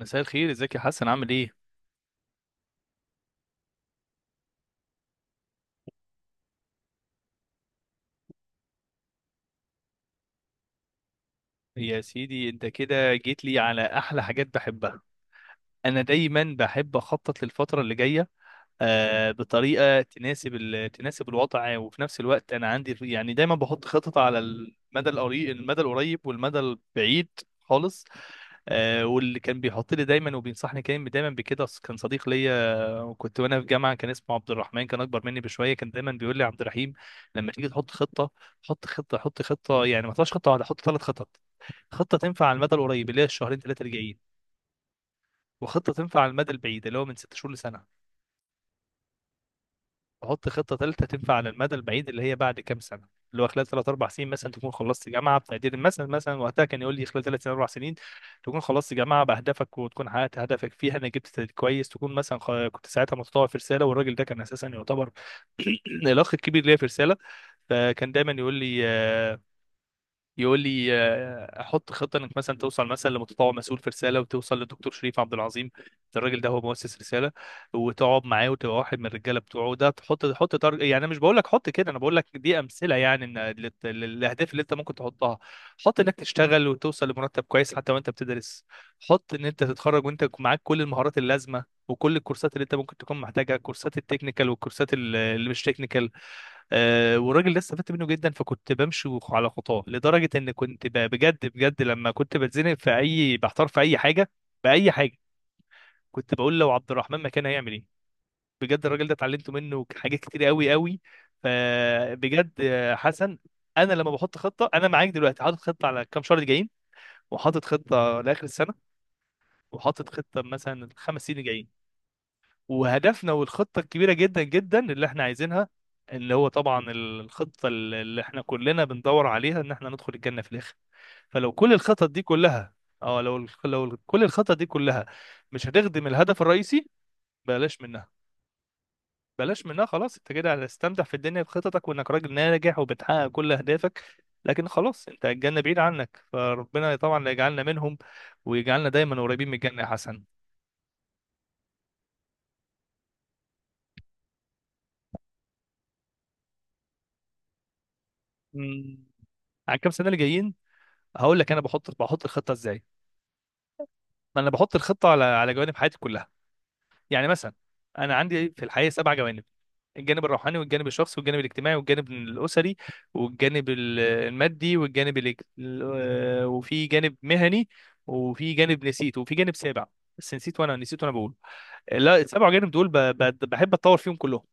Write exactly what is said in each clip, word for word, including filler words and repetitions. مساء الخير، ازيك يا حسن، عامل ايه؟ يا سيدي انت كده جيت لي على احلى حاجات بحبها. انا دايما بحب اخطط للفتره اللي جايه آه بطريقه تناسب ال... تناسب الوضع. وفي نفس الوقت انا عندي يعني دايما بحط خطط على المدى القريب المدى القريب والمدى البعيد خالص. آه، واللي كان بيحط لي دايما وبينصحني كان دايما بكده ص- كان صديق ليا، وكنت وانا في جامعه كان اسمه عبد الرحمن، كان اكبر مني بشويه. كان دايما بيقول لي: عبد الرحيم، لما تيجي تحط خطه، حط خطه حط خطه، يعني ما تحطش خطه واحده، حط ثلاث خطط. خطه تنفع على المدى القريب اللي هي الشهرين ثلاثه اللي جايين، وخطه تنفع على المدى البعيد اللي هو من ست شهور لسنه. حط خطة تالتة تنفع على المدى البعيد اللي هي بعد كام سنة، اللي هو خلال ثلاث أربع سنين مثلا تكون خلصت جامعة بتقدير. مثلا مثلا وقتها كان يقول لي: خلال ثلاث سنين أربع سنين تكون خلصت جامعة بأهدافك وتكون حققت هدفك فيها، أنا جبت تقدير كويس. تكون مثلا خ- كنت ساعتها متطوع في رسالة، والراجل ده كان أساسا يعتبر الأخ الكبير ليا في رسالة. فكان دايما يقول لي آه، يقول لي آه، احط خطه انك مثلا توصل مثلا لمتطوع مسؤول في رساله، وتوصل للدكتور شريف عبد العظيم، ده الراجل ده هو مؤسس رساله، وتقعد معاه وتبقى واحد من الرجاله بتوعه ده. تحط تحط تارج... يعني انا مش بقول لك حط كده، انا بقول لك دي امثله يعني ان للت- للاهداف اللي انت ممكن تحطها. حط انك تشتغل وتوصل لمرتب كويس حتى وانت بتدرس. حط ان انت تتخرج وانت معاك كل المهارات اللازمه وكل الكورسات اللي انت ممكن تكون محتاجها، كورسات التكنيكال والكورسات ال- اللي مش تكنيكال. آه، والراجل ده استفدت منه جدا، فكنت بمشي وخ- على خطاه لدرجه ان كنت ب- بجد بجد لما كنت بتزنق في اي، بحتار في اي حاجه، باي حاجه، كنت بقول: لو عبد الرحمن مكان هيعمل ايه؟ بجد الراجل ده اتعلمت منه حاجات كتير قوي قوي. فبجد آه، حسن، انا لما بحط خطه، انا معاك دلوقتي حاطط خطه على كام شهر الجايين، وحاطط خطه لاخر السنه، وحاطط خطه مثلا الخمس سنين الجايين، وهدفنا والخطة الكبيرة جدا جدا اللي احنا عايزينها، اللي هو طبعا الخطة اللي احنا كلنا بندور عليها، ان احنا ندخل الجنة في الاخر. فلو كل الخطط دي كلها، اه لو لو كل الخطط دي كلها مش هتخدم الهدف الرئيسي، بلاش منها. بلاش منها خلاص، انت كده هتستمتع في الدنيا بخططك وانك راجل ناجح وبتحقق كل اهدافك، لكن خلاص انت الجنة بعيد عنك. فربنا طبعا لا يجعلنا منهم، ويجعلنا دايما قريبين من الجنة يا حسن. مم. على الكام سنة اللي جايين هقول لك انا بحط بحط الخطه ازاي. ما انا بحط الخطه على على جوانب حياتي كلها، يعني مثلا انا عندي في الحياه سبع جوانب: الجانب الروحاني، والجانب الشخصي، والجانب الاجتماعي، والجانب الاسري، والجانب ال- المادي، والجانب الاج... ال- آه، وفي جانب مهني، وفي جانب نسيت، وفي جانب سابع بس نسيت. وانا نسيت وانا بقول، لا، السبع جانب دول ب... ب... بحب اتطور فيهم كلهم.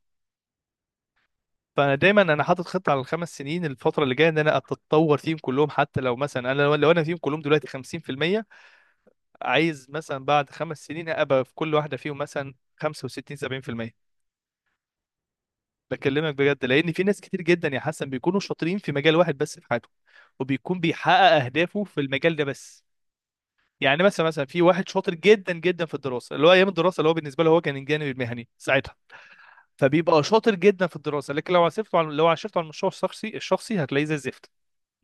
فانا دايما انا حاطط خطه على الخمس سنين، الفتره اللي جايه، ان انا اتطور فيهم كلهم. حتى لو مثلا انا لو انا فيهم كلهم دلوقتي خمسين في المية، عايز مثلا بعد خمس سنين ابقى في كل واحده فيهم مثلا خمسة وستين سبعين في المية. بكلمك بجد لان في ناس كتير جدا يا حسن بيكونوا شاطرين في مجال واحد بس في حياتهم، وبيكون بيحقق اهدافه في المجال ده بس. يعني مثلا مثلا في واحد شاطر جدا جدا في الدراسه، اللي هو ايام الدراسه اللي هو بالنسبه له هو كان الجانب المهني ساعتها، فبيبقى شاطر جدا في الدراسه، لكن لو عصفته على، لو عشرته على المشروع الشخصي الشخصي هتلاقيه زي الزفت،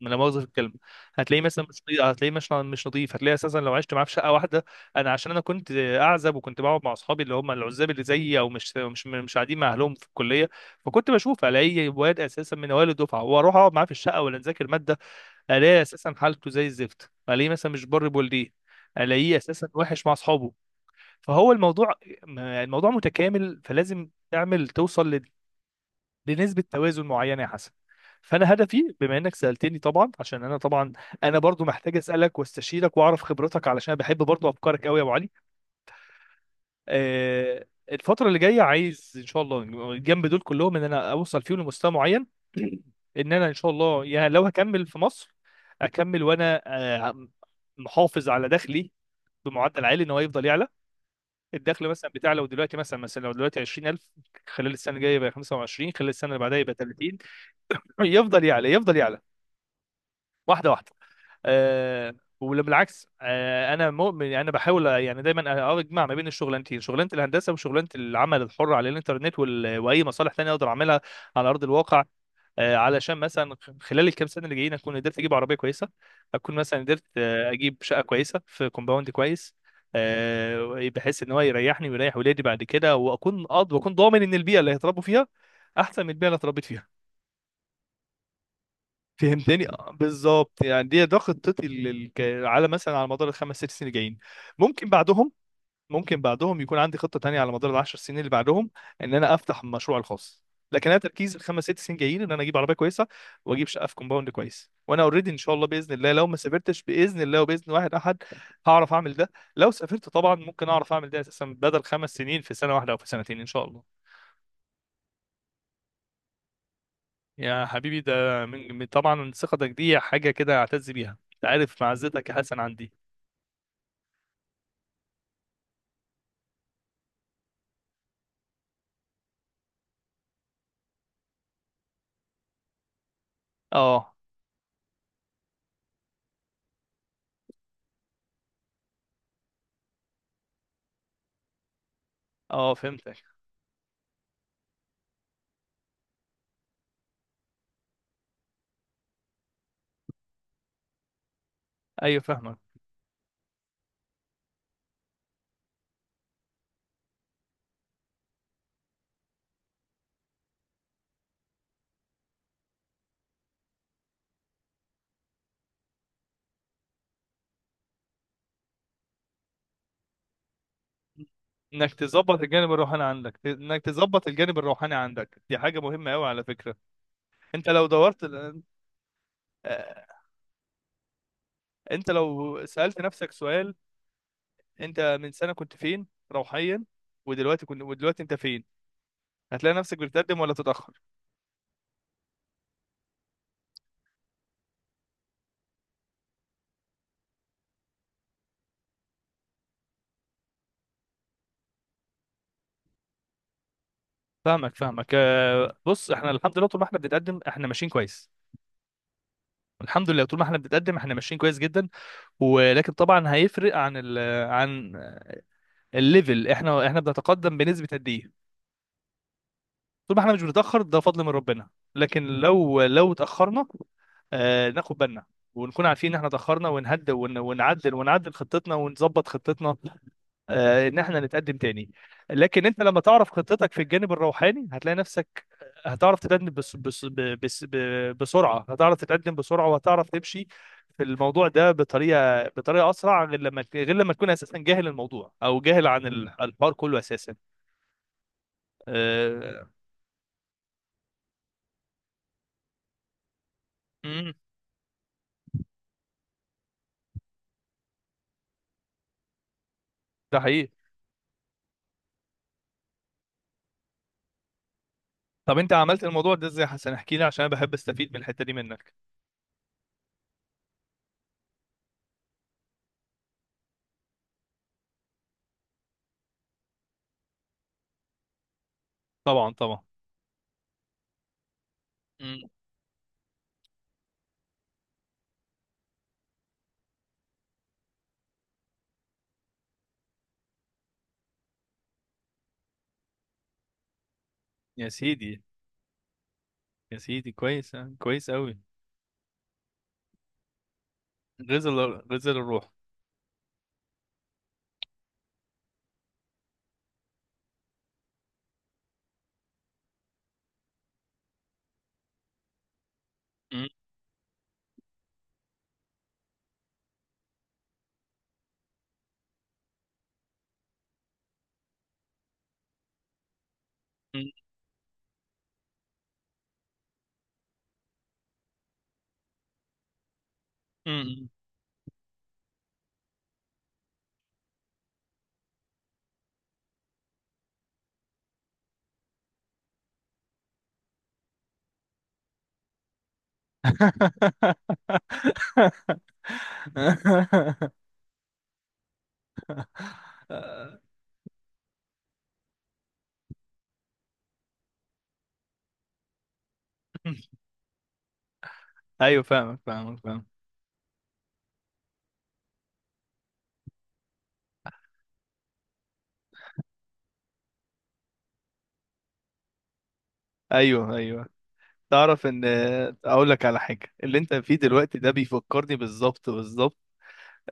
لا مؤاخذه في الكلمه. هتلاقيه مثلا مش نضيف، هتلاقيه مش مش نضيف، هتلاقيه اساسا لو عشت معاه في شقه واحده. انا عشان انا كنت اعزب وكنت بقعد مع اصحابي اللي هم العزاب اللي زيي، او مش مش مش قاعدين مع اهلهم في الكليه، فكنت بشوف الاقي واد اساسا من اوائل الدفعه واروح اقعد معاه في الشقه، ولا نذاكر ماده، الاقي اساسا حالته زي الزفت. الاقيه مثلا مش بر بولديه، الاقيه اساسا وحش مع اصحابه. فهو الموضوع الموضوع متكامل، فلازم تعمل توصل لنسبة توازن معينة يا حسن. فأنا هدفي، بما إنك سألتني طبعا، عشان أنا طبعا أنا برضو محتاج أسألك واستشيرك وأعرف خبرتك علشان بحب برضو أفكارك قوي يا أبو علي. آه، الفترة اللي جاية عايز إن شاء الله جنب دول كلهم إن أنا أوصل فيهم لمستوى معين. إن أنا إن شاء الله يعني لو هكمل في مصر، أكمل وأنا آه، محافظ على دخلي بمعدل عالي، ان هو يفضل يعلى. الدخل مثلا بتاع لو دلوقتي، مثلا مثلا لو دلوقتي عشرين ألف، خلال السنه الجايه يبقى خمسة وعشرين، خلال السنه اللي بعدها يبقى ثلاثين، يفضل يعلى يفضل يعلى واحده واحده. أه وبالعكس، أه انا مؤمن يعني، انا بحاول يعني دايما اجمع ما بين الشغلانتين، شغلانه الهندسه وشغلانه العمل الحر على الانترنت، وال... واي مصالح تانية اقدر اعملها على ارض الواقع. أه علشان مثلا خلال الكام سنه اللي جايين اكون قدرت اجيب عربيه كويسه، اكون مثلا قدرت آه، اجيب شقه كويسه في كومباوند كويس، أه بحيث ان هو يريحني ويريح ولادي بعد كده، واكون قاضي واكون ضامن ان البيئه اللي هيتربوا فيها احسن من البيئه اللي اتربيت فيها. فهمتني؟ آه، بالظبط. يعني دي ده خطتي لل- ك- على مثلا على مدار الخمس ست سنين الجايين. ممكن بعدهم ممكن بعدهم يكون عندي خطة تانية على مدار العشر سنين اللي بعدهم، ان انا افتح مشروع الخاص. لكن انا تركيز الخمس ست سنين جايين ان انا اجيب عربية كويسة، واجيب شقة في كومباوند كويس، وانا اوريدي ان شاء الله باذن الله، لو ما سافرتش باذن الله وباذن واحد احد، هعرف اعمل ده. لو سافرت طبعا ممكن اعرف اعمل ده اساسا بدل خمس سنين في سنة واحدة او في سنتين ان شاء الله. يا حبيبي، ده من من- طبعا ثقتك دي حاجة كده أعتز بيها، أنت عارف معزتك يا حسن عندي. أه، أه فهمتك. أيوه فاهمك. إنك تظبط الجانب الروحاني عندك، إنك تظبط الجانب الروحاني عندك دي حاجة مهمة أوي على فكرة. أنت لو دورت ل- آه، أنت لو سألت نفسك سؤال: أنت من سنة كنت فين روحيا، ودلوقتي كنت ودلوقتي أنت فين، هتلاقي نفسك بتتقدم ولا تتأخر. فاهمك فاهمك، آه، بص، احنا الحمد لله طول ما احنا بنتقدم احنا ماشيين كويس. الحمد لله طول ما احنا بنتقدم احنا ماشيين كويس جدا، ولكن طبعا هيفرق عن ال عن الليفل، احنا احنا بنتقدم بنسبة قد ايه. طول ما احنا مش بنتأخر ده فضل من ربنا، لكن لو لو اتأخرنا آه ناخد بالنا ونكون عارفين ان احنا اتأخرنا، ونهدى ون- ونعدل ونعدل خطتنا، ونظبط خطتنا، آه ان احنا نتقدم تاني. لكن انت لما تعرف خطتك في الجانب الروحاني هتلاقي نفسك هتعرف تتقدم بس بس بس ب- بسرعه، هتعرف تتقدم بسرعه، وهتعرف تمشي في الموضوع ده بطريقه بطريقه اسرع، غير لما غير لما تكون اساسا جاهل الموضوع او جاهل عن ال- الحوار كله اساسا. أه... مم، ده حقيقي. طب انت عملت الموضوع ده ازاي يا حسن؟ احكي لي عشان انا بحب استفيد من الحته دي منك. طبعا طبعا. مم. يا سيدي، يا سيدي كويس، آه، كويس قوي. غزل غزل الروح. مم، مم، مم. ايوه فاهمك، فاهمك، فاهم. ايوه ايوه. تعرف ان، اقول لك على حاجه: اللي انت فيه دلوقتي ده بيفكرني بالظبط بالظبط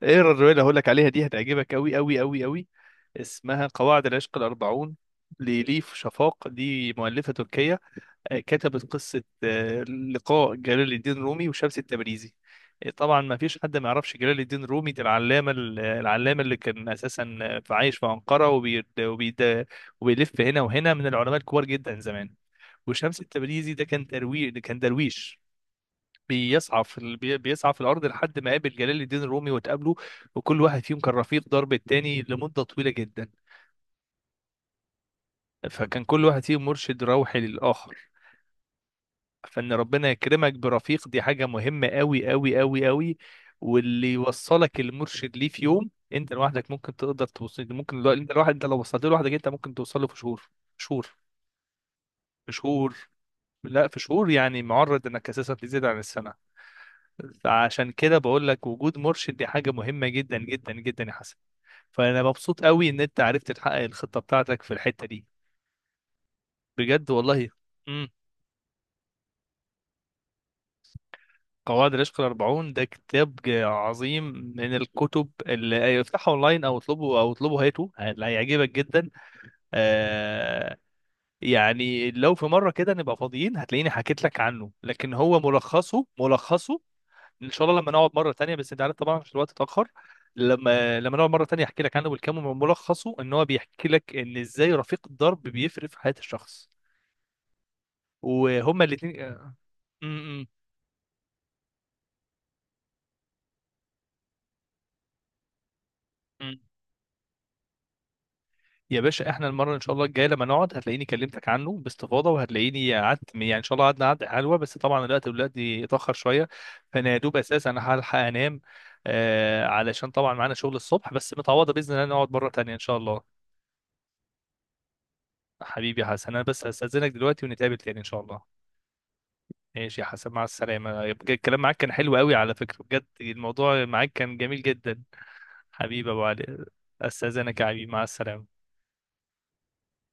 ايه؟ الروايه اللي هقول لك عليها دي هتعجبك قوي قوي قوي قوي. اسمها قواعد العشق الاربعون لليف شفاق، دي مؤلفه تركيه. آه، كتبت قصه آه، لقاء جلال الدين رومي وشمس التبريزي. آه، طبعا ما فيش حد ما يعرفش جلال الدين رومي، ده العلامه ال- العلامه اللي كان اساسا في- عايش في انقره، وبي وبي وبيلف هنا وهنا، من العلماء الكبار جدا زمان. وشمس التبريزي ده كان ترويج، ده كان درويش بيسعى في ال... بي- بيسعى في الارض لحد ما قابل جلال الدين الرومي وتقابله. وكل واحد فيهم كان رفيق درب التاني لمده طويله جدا، فكان كل واحد فيهم مرشد روحي للاخر. فان ربنا يكرمك برفيق دي حاجه مهمه قوي قوي قوي قوي. واللي يوصلك المرشد ليه في يوم انت لوحدك ممكن تقدر توصل، ممكن لو... انت لوحدك انت لو وصلت له لوحدك انت ممكن توصل له في شهور. شهور، في شهور، لا، في شهور يعني، معرض انك اساسا تزيد عن السنه. فعشان كده بقول لك وجود مرشد دي حاجة مهمة جدا جدا جدا يا حسن. فأنا مبسوط قوي إن أنت عرفت تحقق الخطة بتاعتك في الحتة دي. بجد والله. امم قواعد العشق الأربعون ده كتاب ج- عظيم، من الكتب اللي افتحه أونلاين، أو اطلبه أو اطلبه هاته، هل- هيعجبك جدا. آه يعني لو في مرة كده نبقى فاضيين هتلاقيني حكيت لك عنه، لكن هو ملخصه ملخصه ان شاء الله لما نقعد مره تانية، بس انت عارف طبعا عشان الوقت اتاخر، لما لما نقعد مره تانية احكي لك عنه بالكامل. ملخصه ان هو بيحكي لك ان ازاي رفيق الدرب بيفرق في حياه الشخص، وهما الاثنين. م- م- م. يا باشا، احنا المره ان شاء الله الجايه لما نقعد هتلاقيني كلمتك عنه باستفاضه، وهتلاقيني قعدت يعني ان شاء الله، قعدنا قعده حلوه، بس طبعا الوقت دلوقتي اتاخر شويه، فانا يا دوب اساسا انا هلحق انام، آه علشان طبعا معانا شغل الصبح، بس متعوضه باذن الله نقعد مره تانية ان شاء الله. حبيبي يا حسن، انا بس هستاذنك دلوقتي ونتقابل تاني ان شاء الله. ماشي يا حسن، مع السلامة. يبقى الكلام معاك كان حلو قوي على فكرة، بجد الموضوع معاك كان جميل جدا. حبيبي يا أبو علي، أستاذنك يا حبيبي، مع السلامة.